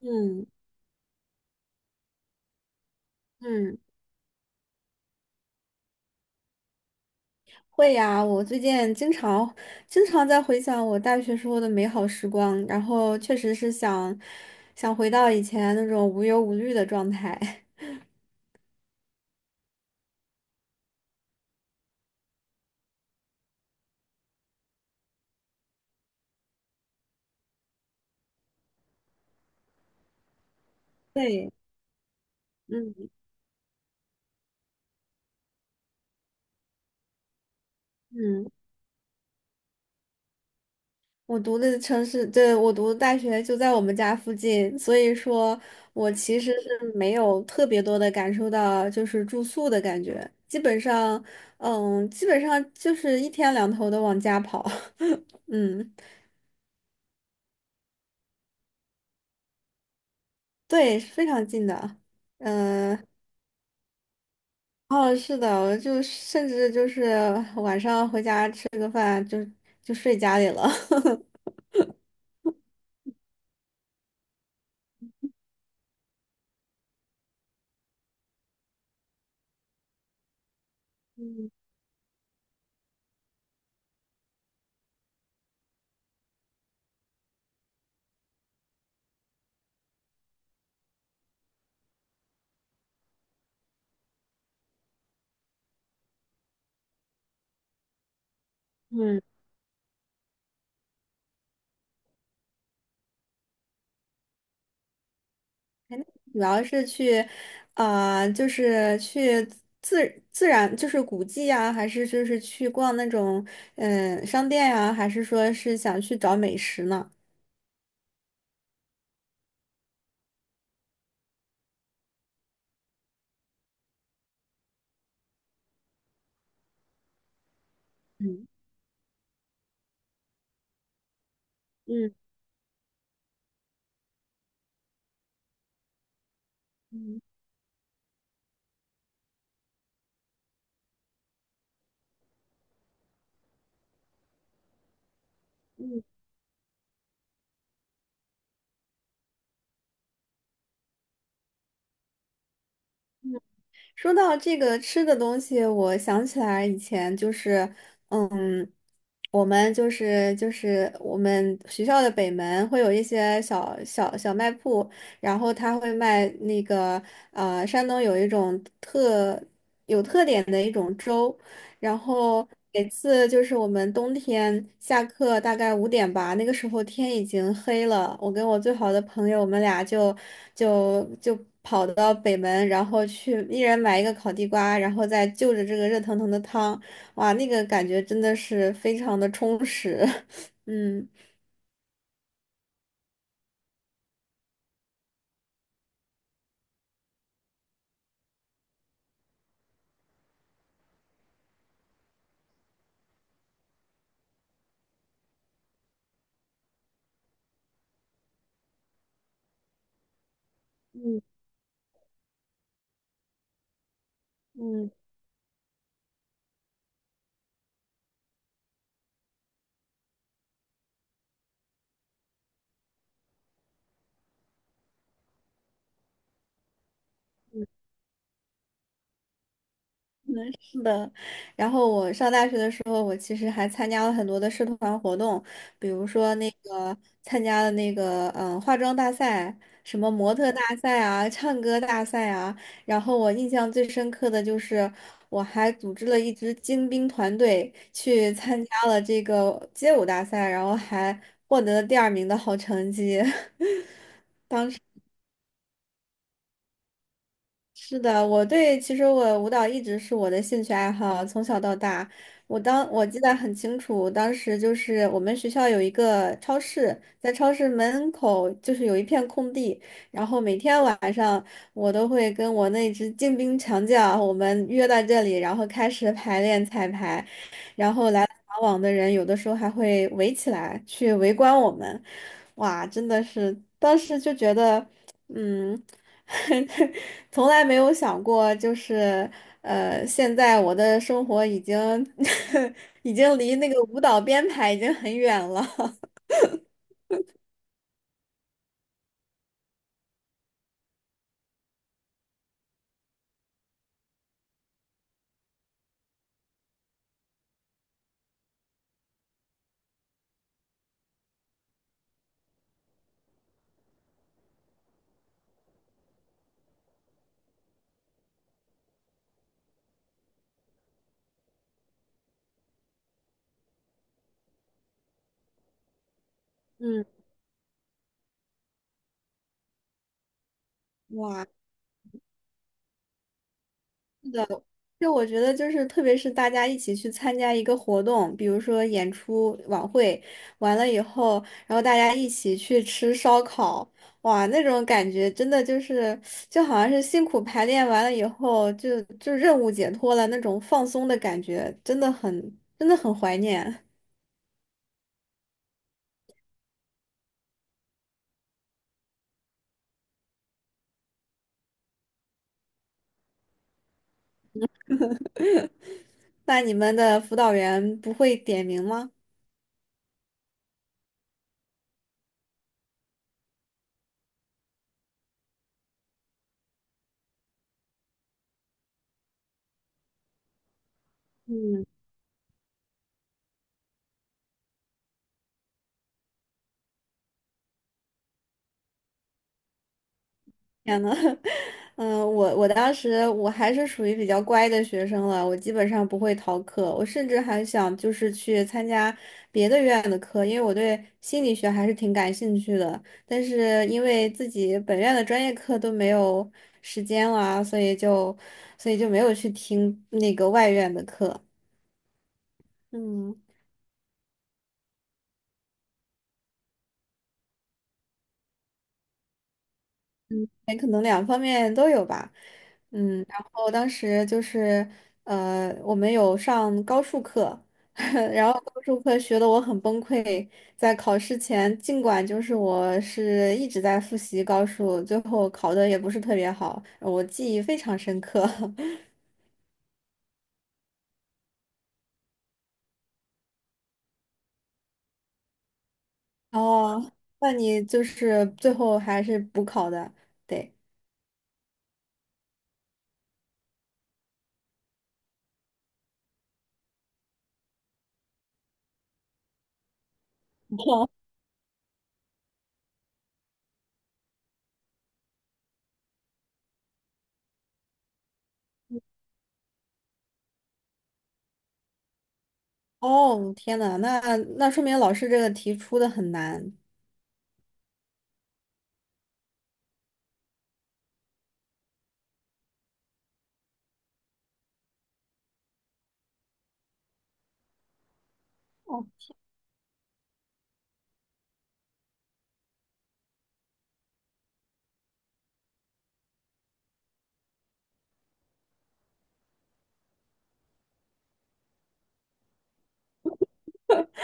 嗯嗯，会呀。我最近经常在回想我大学时候的美好时光，然后确实是想回到以前那种无忧无虑的状态。对，嗯嗯，我读的城市，对，我读的大学就在我们家附近，所以说我其实是没有特别多的感受到就是住宿的感觉，基本上，基本上就是一天两头的往家跑，嗯。对，是非常近的。嗯、哦，是的，我就甚至就是晚上回家吃个饭就睡家里了。嗯嗯，哎那主要是去，啊、就是去自然就是古迹呀、还是就是去逛那种商店呀、还是说是想去找美食呢？嗯嗯嗯嗯。说到这个吃的东西，我想起来以前就是，嗯，我们就是我们学校的北门会有一些小卖铺，然后他会卖那个山东有一种有特点的一种粥，然后每次就是我们冬天下课大概5点吧，那个时候天已经黑了。我跟我最好的朋友，我们俩就跑到北门，然后去一人买一个烤地瓜，然后再就着这个热腾腾的汤，哇，那个感觉真的是非常的充实。嗯。嗯。是的，然后我上大学的时候，我其实还参加了很多的社团活动，比如说那个参加了那个化妆大赛，什么模特大赛啊，唱歌大赛啊。然后我印象最深刻的就是，我还组织了一支精兵团队去参加了这个街舞大赛，然后还获得了第二名的好成绩。是的，我对，其实我舞蹈一直是我的兴趣爱好，从小到大，我记得很清楚，当时就是我们学校有一个超市，在超市门口就是有一片空地，然后每天晚上我都会跟我那只精兵强将，我们约到这里，然后开始排练彩排，然后来来往往的人有的时候还会围起来去围观我们，哇，真的是，当时就觉得。嗯。从来没有想过，就是现在我的生活已经 已经离那个舞蹈编排已经很远了。嗯，哇，的。就我觉得，就是特别是大家一起去参加一个活动，比如说演出、晚会，完了以后，然后大家一起去吃烧烤，哇，那种感觉真的就是，就好像是辛苦排练完了以后，就任务解脱了那种放松的感觉，真的很，真的很怀念。那你们的辅导员不会点名吗？嗯，天呐，嗯，我当时我还是属于比较乖的学生了，我基本上不会逃课，我甚至还想就是去参加别的院的课，因为我对心理学还是挺感兴趣的，但是因为自己本院的专业课都没有时间了啊所以就没有去听那个外院的课。嗯。哎，可能两方面都有吧。嗯，然后当时就是，我们有上高数课，然后高数课学的我很崩溃，在考试前，尽管就是我是一直在复习高数，最后考的也不是特别好，我记忆非常深刻。哦，那你就是最后还是补考的，对。哦，天呐，那说明老师这个题出的很难。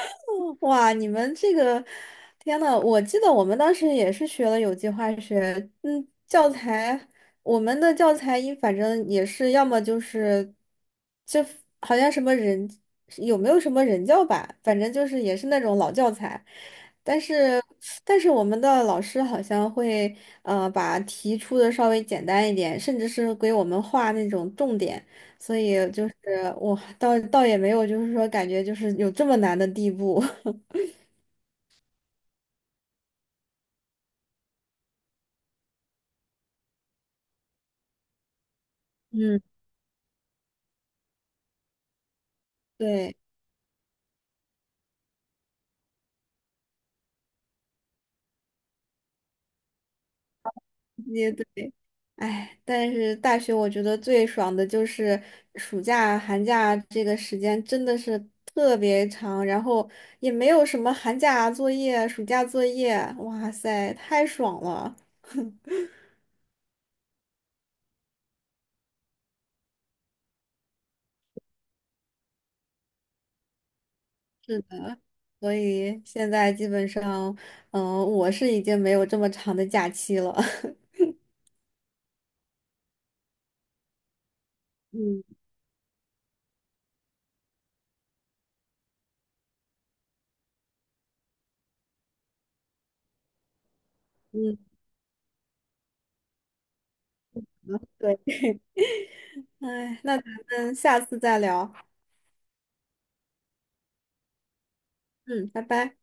哇，你们这个，天呐，我记得我们当时也是学了有机化学，嗯，教材，我们的教材反正也是要么就是，就好像什么人有没有什么人教版，反正就是也是那种老教材，但是但是我们的老师好像会把题出的稍微简单一点，甚至是给我们画那种重点。所以就是我倒也没有，就是说感觉就是有这么难的地步。嗯，对，也对，哎，但是大学我觉得最爽的就是暑假、寒假这个时间真的是特别长，然后也没有什么寒假作业、暑假作业，哇塞，太爽了。是的，所以现在基本上，我是已经没有这么长的假期了。嗯嗯，对。哎，那咱们下次再聊。嗯，拜拜。